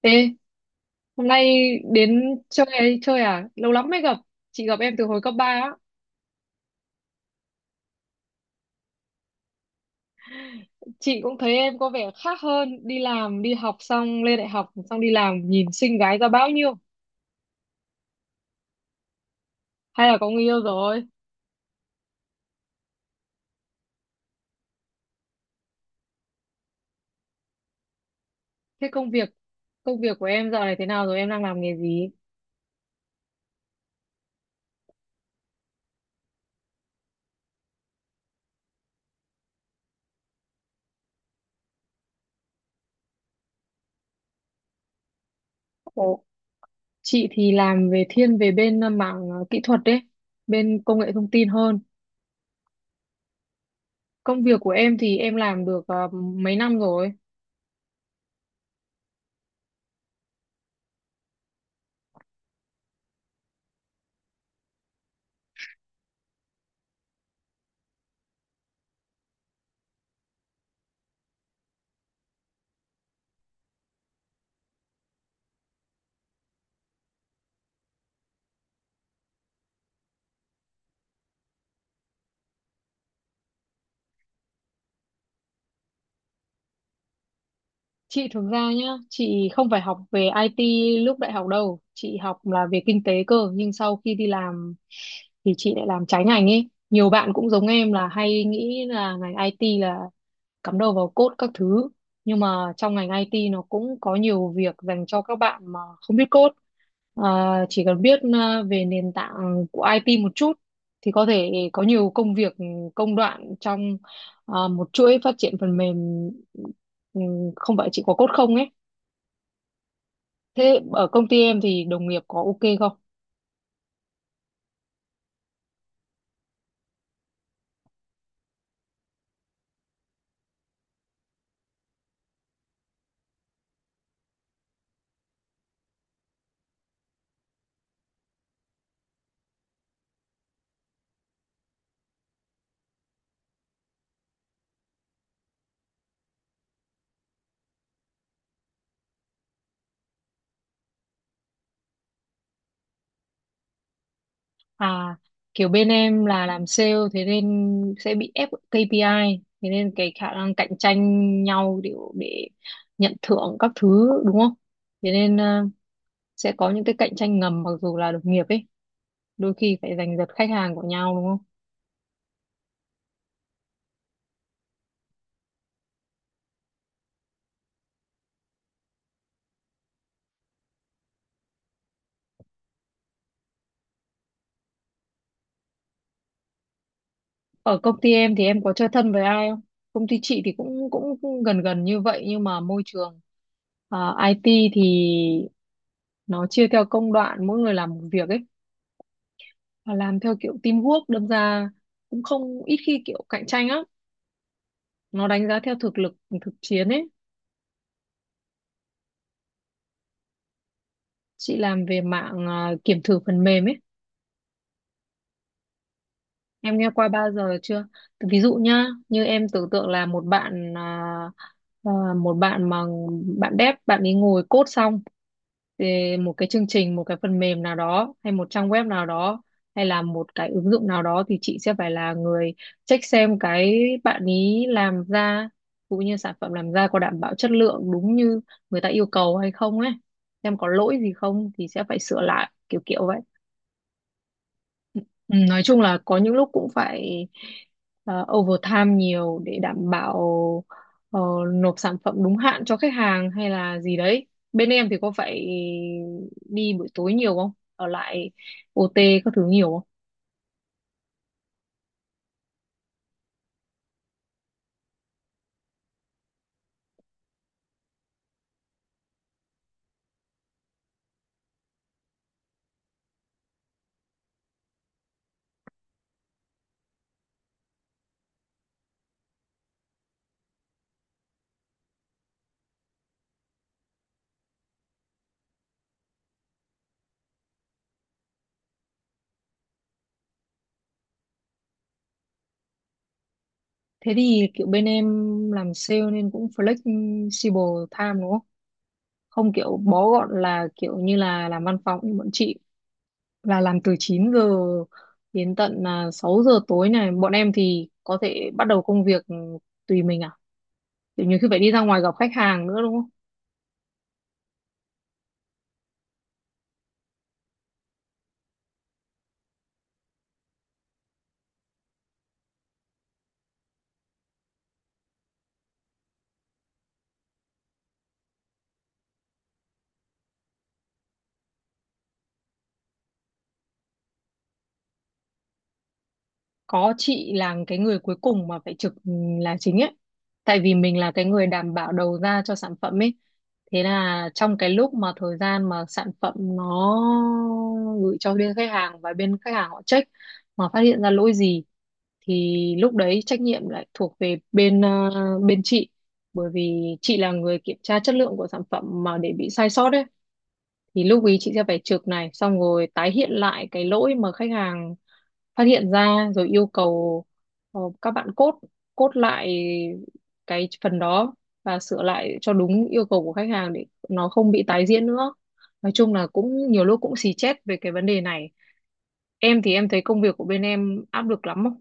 Ê, hôm nay đến chơi chơi à? Lâu lắm mới gặp. Chị gặp em từ hồi cấp 3 á. Chị cũng thấy em có vẻ khác hơn, đi làm, đi học xong lên đại học xong đi làm nhìn xinh gái ra bao nhiêu. Hay là có người yêu rồi? Thế công việc của em giờ này thế nào rồi? Em đang làm nghề gì? Ồ, chị thì làm về thiên về bên mảng kỹ thuật đấy, bên công nghệ thông tin hơn. Công việc của em thì em làm được mấy năm rồi? Chị thực ra nhá, chị không phải học về IT lúc đại học đâu, chị học là về kinh tế cơ, nhưng sau khi đi làm thì chị lại làm trái ngành ấy. Nhiều bạn cũng giống em là hay nghĩ là ngành IT là cắm đầu vào code các thứ, nhưng mà trong ngành IT nó cũng có nhiều việc dành cho các bạn mà không biết code. À, chỉ cần biết về nền tảng của IT một chút thì có thể có nhiều công việc công đoạn trong một chuỗi phát triển phần mềm, ừ, không phải chỉ có code không ấy. Thế ở công ty em thì đồng nghiệp có ok không? À, kiểu bên em là làm sale thế nên sẽ bị ép KPI, thế nên cái khả năng cạnh tranh nhau để nhận thưởng các thứ, đúng không? Thế nên sẽ có những cái cạnh tranh ngầm mặc dù là đồng nghiệp ấy, đôi khi phải giành giật khách hàng của nhau đúng không? Ở công ty em thì em có chơi thân với ai không? Công ty chị thì cũng cũng cũng gần gần như vậy, nhưng mà môi trường IT thì nó chia theo công đoạn, mỗi người làm một việc ấy, và làm theo kiểu teamwork, đâm ra cũng không ít khi kiểu cạnh tranh á. Nó đánh giá theo thực lực thực chiến ấy. Chị làm về mạng à, kiểm thử phần mềm ấy, em nghe qua bao giờ chưa? Thì ví dụ nhá, như em tưởng tượng là à, một bạn mà bạn dev, bạn ấy ngồi code xong. Thì một cái chương trình, một cái phần mềm nào đó, hay một trang web nào đó, hay là một cái ứng dụng nào đó, thì chị sẽ phải là người check xem cái bạn ý làm ra cũng như sản phẩm làm ra có đảm bảo chất lượng đúng như người ta yêu cầu hay không ấy, xem có lỗi gì không thì sẽ phải sửa lại kiểu kiểu vậy. Ừ, nói chung là có những lúc cũng phải overtime nhiều để đảm bảo ờ, nộp sản phẩm đúng hạn cho khách hàng hay là gì đấy. Bên em thì có phải đi buổi tối nhiều không? Ở lại OT các thứ nhiều không? Thế thì kiểu bên em làm sale nên cũng flexible time đúng không? Không kiểu bó gọn là kiểu như là làm văn phòng như bọn chị, là làm từ chín giờ đến tận 6 giờ tối này. Bọn em thì có thể bắt đầu công việc tùy mình. Thì nhiều khi phải đi ra ngoài gặp khách hàng nữa đúng không? Có, chị là cái người cuối cùng mà phải trực là chính ấy. Tại vì mình là cái người đảm bảo đầu ra cho sản phẩm ấy. Thế là trong cái lúc mà thời gian mà sản phẩm nó gửi cho bên khách hàng và bên khách hàng họ check mà phát hiện ra lỗi gì, thì lúc đấy trách nhiệm lại thuộc về bên bên chị, bởi vì chị là người kiểm tra chất lượng của sản phẩm mà để bị sai sót ấy. Thì lúc ý chị sẽ phải chụp này xong rồi tái hiện lại cái lỗi mà khách hàng phát hiện ra rồi yêu cầu các bạn cốt cốt lại cái phần đó và sửa lại cho đúng yêu cầu của khách hàng để nó không bị tái diễn nữa. Nói chung là cũng nhiều lúc cũng xì chét về cái vấn đề này. Em thì em thấy công việc của bên em áp lực lắm không?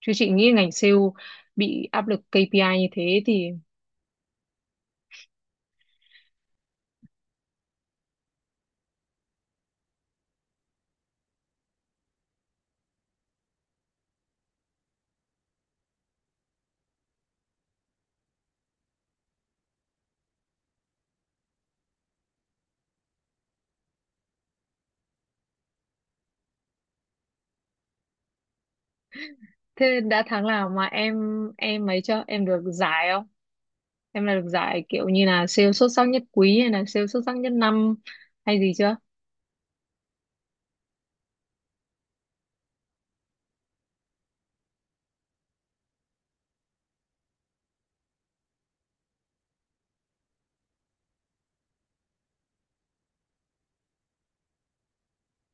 Chứ chị nghĩ ngành sale bị áp lực KPI như thế thì… Thế đã tháng nào mà em ấy chưa, em được giải không? Em là được giải kiểu như là sale xuất sắc nhất quý hay là sale xuất sắc nhất năm hay gì chưa?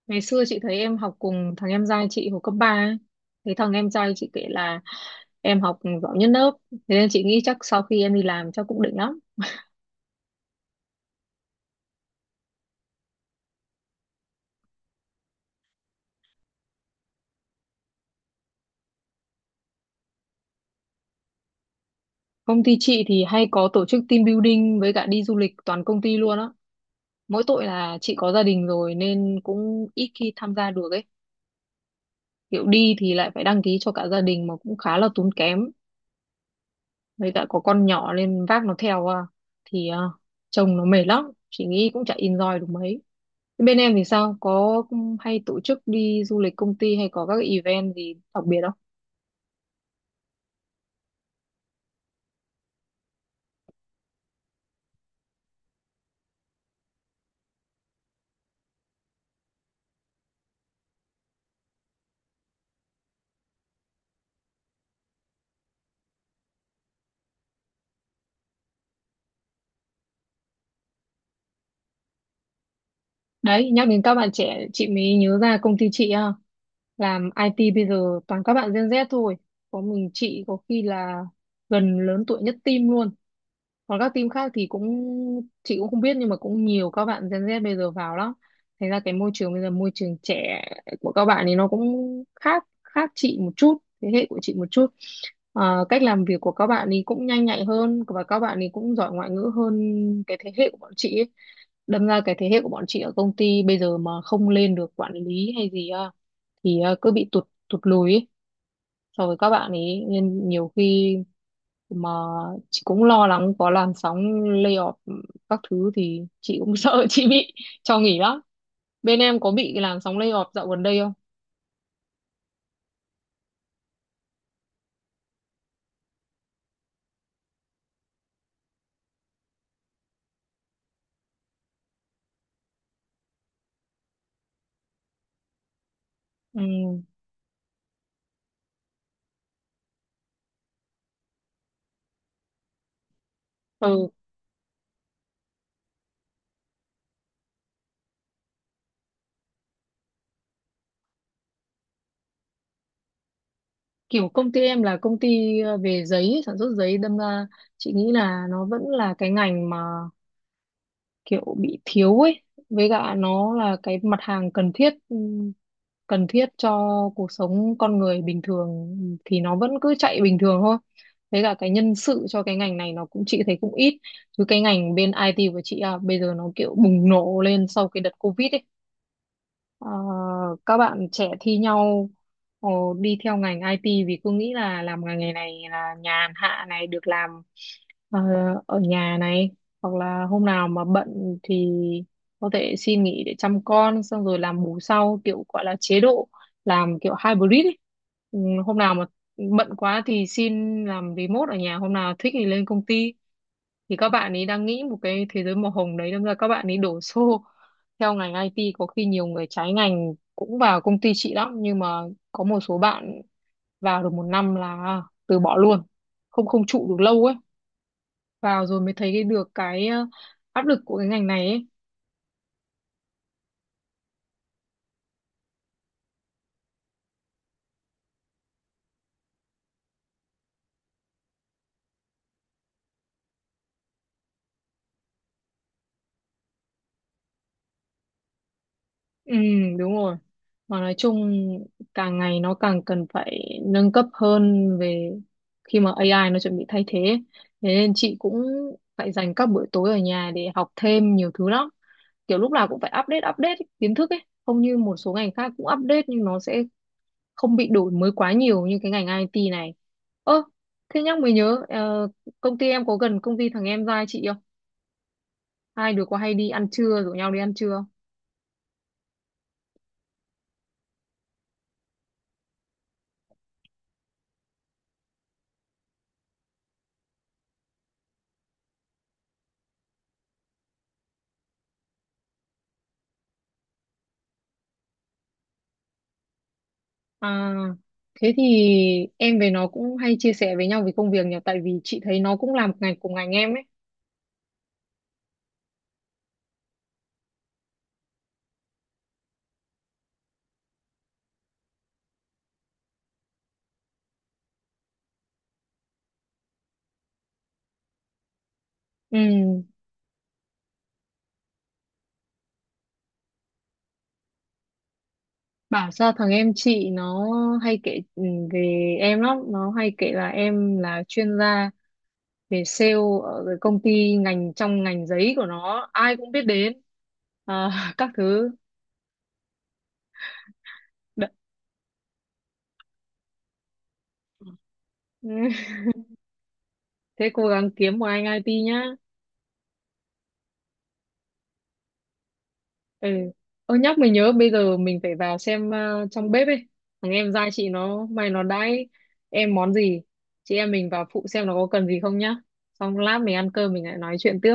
Ngày xưa chị thấy em học cùng thằng em trai chị hồi cấp 3 ấy. Thấy thằng em trai chị kể là em học giỏi nhất lớp. Thế nên chị nghĩ chắc sau khi em đi làm chắc cũng định lắm. Công ty chị thì hay có tổ chức team building với cả đi du lịch toàn công ty luôn á. Mỗi tội là chị có gia đình rồi nên cũng ít khi tham gia được ấy. Kiểu đi thì lại phải đăng ký cho cả gia đình mà cũng khá là tốn kém. Với cả có con nhỏ nên vác nó theo thì chồng nó mệt lắm, chị nghĩ cũng chả enjoy được mấy. Thế bên em thì sao, có hay tổ chức đi du lịch công ty hay có các event gì đặc biệt không? Đấy, nhắc đến các bạn trẻ chị mới nhớ ra công ty chị làm IT bây giờ toàn các bạn Gen Z thôi, có mình chị có khi là gần lớn tuổi nhất team luôn. Còn các team khác thì cũng chị cũng không biết, nhưng mà cũng nhiều các bạn Gen Z bây giờ vào lắm, thành ra cái môi trường bây giờ môi trường trẻ của các bạn thì nó cũng khác khác chị một chút, thế hệ của chị một chút. Ờ, cách làm việc của các bạn thì cũng nhanh nhạy hơn và các bạn thì cũng giỏi ngoại ngữ hơn cái thế hệ của bọn chị ấy. Đâm ra cái thế hệ của bọn chị ở công ty bây giờ mà không lên được quản lý hay gì thì cứ bị tụt tụt lùi ấy so với các bạn ấy, nên nhiều khi mà chị cũng lo lắng có làn sóng layoff các thứ thì chị cũng sợ chị bị cho nghỉ lắm. Bên em có bị làn sóng layoff dạo gần đây không? Ừ. Ừ, kiểu công ty em là công ty về giấy, sản xuất giấy, đâm ra chị nghĩ là nó vẫn là cái ngành mà kiểu bị thiếu ấy, với cả nó là cái mặt hàng cần thiết, cần thiết cho cuộc sống con người bình thường thì nó vẫn cứ chạy bình thường thôi. Với cả cái nhân sự cho cái ngành này nó cũng chị thấy cũng ít, chứ cái ngành bên IT của chị bây giờ nó kiểu bùng nổ lên sau cái đợt Covid ấy. Ờ, các bạn trẻ thi nhau ờ, đi theo ngành IT vì cứ nghĩ là làm ngành nghề này là nhàn hạ này, được làm ờ, ở nhà này, hoặc là hôm nào mà bận thì có thể xin nghỉ để chăm con xong rồi làm bù sau, kiểu gọi là chế độ làm kiểu hybrid ấy. Ừ, Hôm nào mà bận quá thì xin làm remote ở nhà, hôm nào thích thì lên công ty. Thì các bạn ấy đang nghĩ một cái thế giới màu hồng đấy, đâm ra các bạn ấy đổ xô theo ngành IT, có khi nhiều người trái ngành cũng vào công ty chị lắm, nhưng mà có một số bạn vào được một năm là từ bỏ luôn, không không trụ được lâu ấy, vào rồi mới thấy cái được cái áp lực của cái ngành này ấy. Ừ, đúng rồi. Mà nói chung càng ngày nó càng cần phải nâng cấp hơn về khi mà AI nó chuẩn bị thay thế. Thế nên chị cũng phải dành các buổi tối ở nhà để học thêm nhiều thứ lắm. Kiểu lúc nào cũng phải update update kiến thức ấy. Không như một số ngành khác cũng update nhưng nó sẽ không bị đổi mới quá nhiều như cái ngành IT này. Ơ, thế nhắc mới nhớ, công ty em có gần công ty thằng em trai chị không? Hai đứa có hay đi ăn trưa, rủ nhau đi ăn trưa? À, thế thì em với nó cũng hay chia sẻ với nhau về công việc nhỉ, tại vì chị thấy nó cũng làm ngành cùng ngành em ấy. Ừ, bảo sao thằng em chị nó hay kể về em lắm, nó hay kể là em là chuyên gia về sale ở cái công ty ngành trong ngành giấy của nó, ai cũng biết đến. À, các thứ. Đ- Thế cố gắng kiếm một anh IT nhá. Ừ. Ơ nhắc mình nhớ bây giờ mình phải vào xem trong bếp ấy. Thằng em giai chị nó đãi em món gì. Chị em mình vào phụ xem nó có cần gì không nhá. Xong lát mình ăn cơm mình lại nói chuyện tiếp.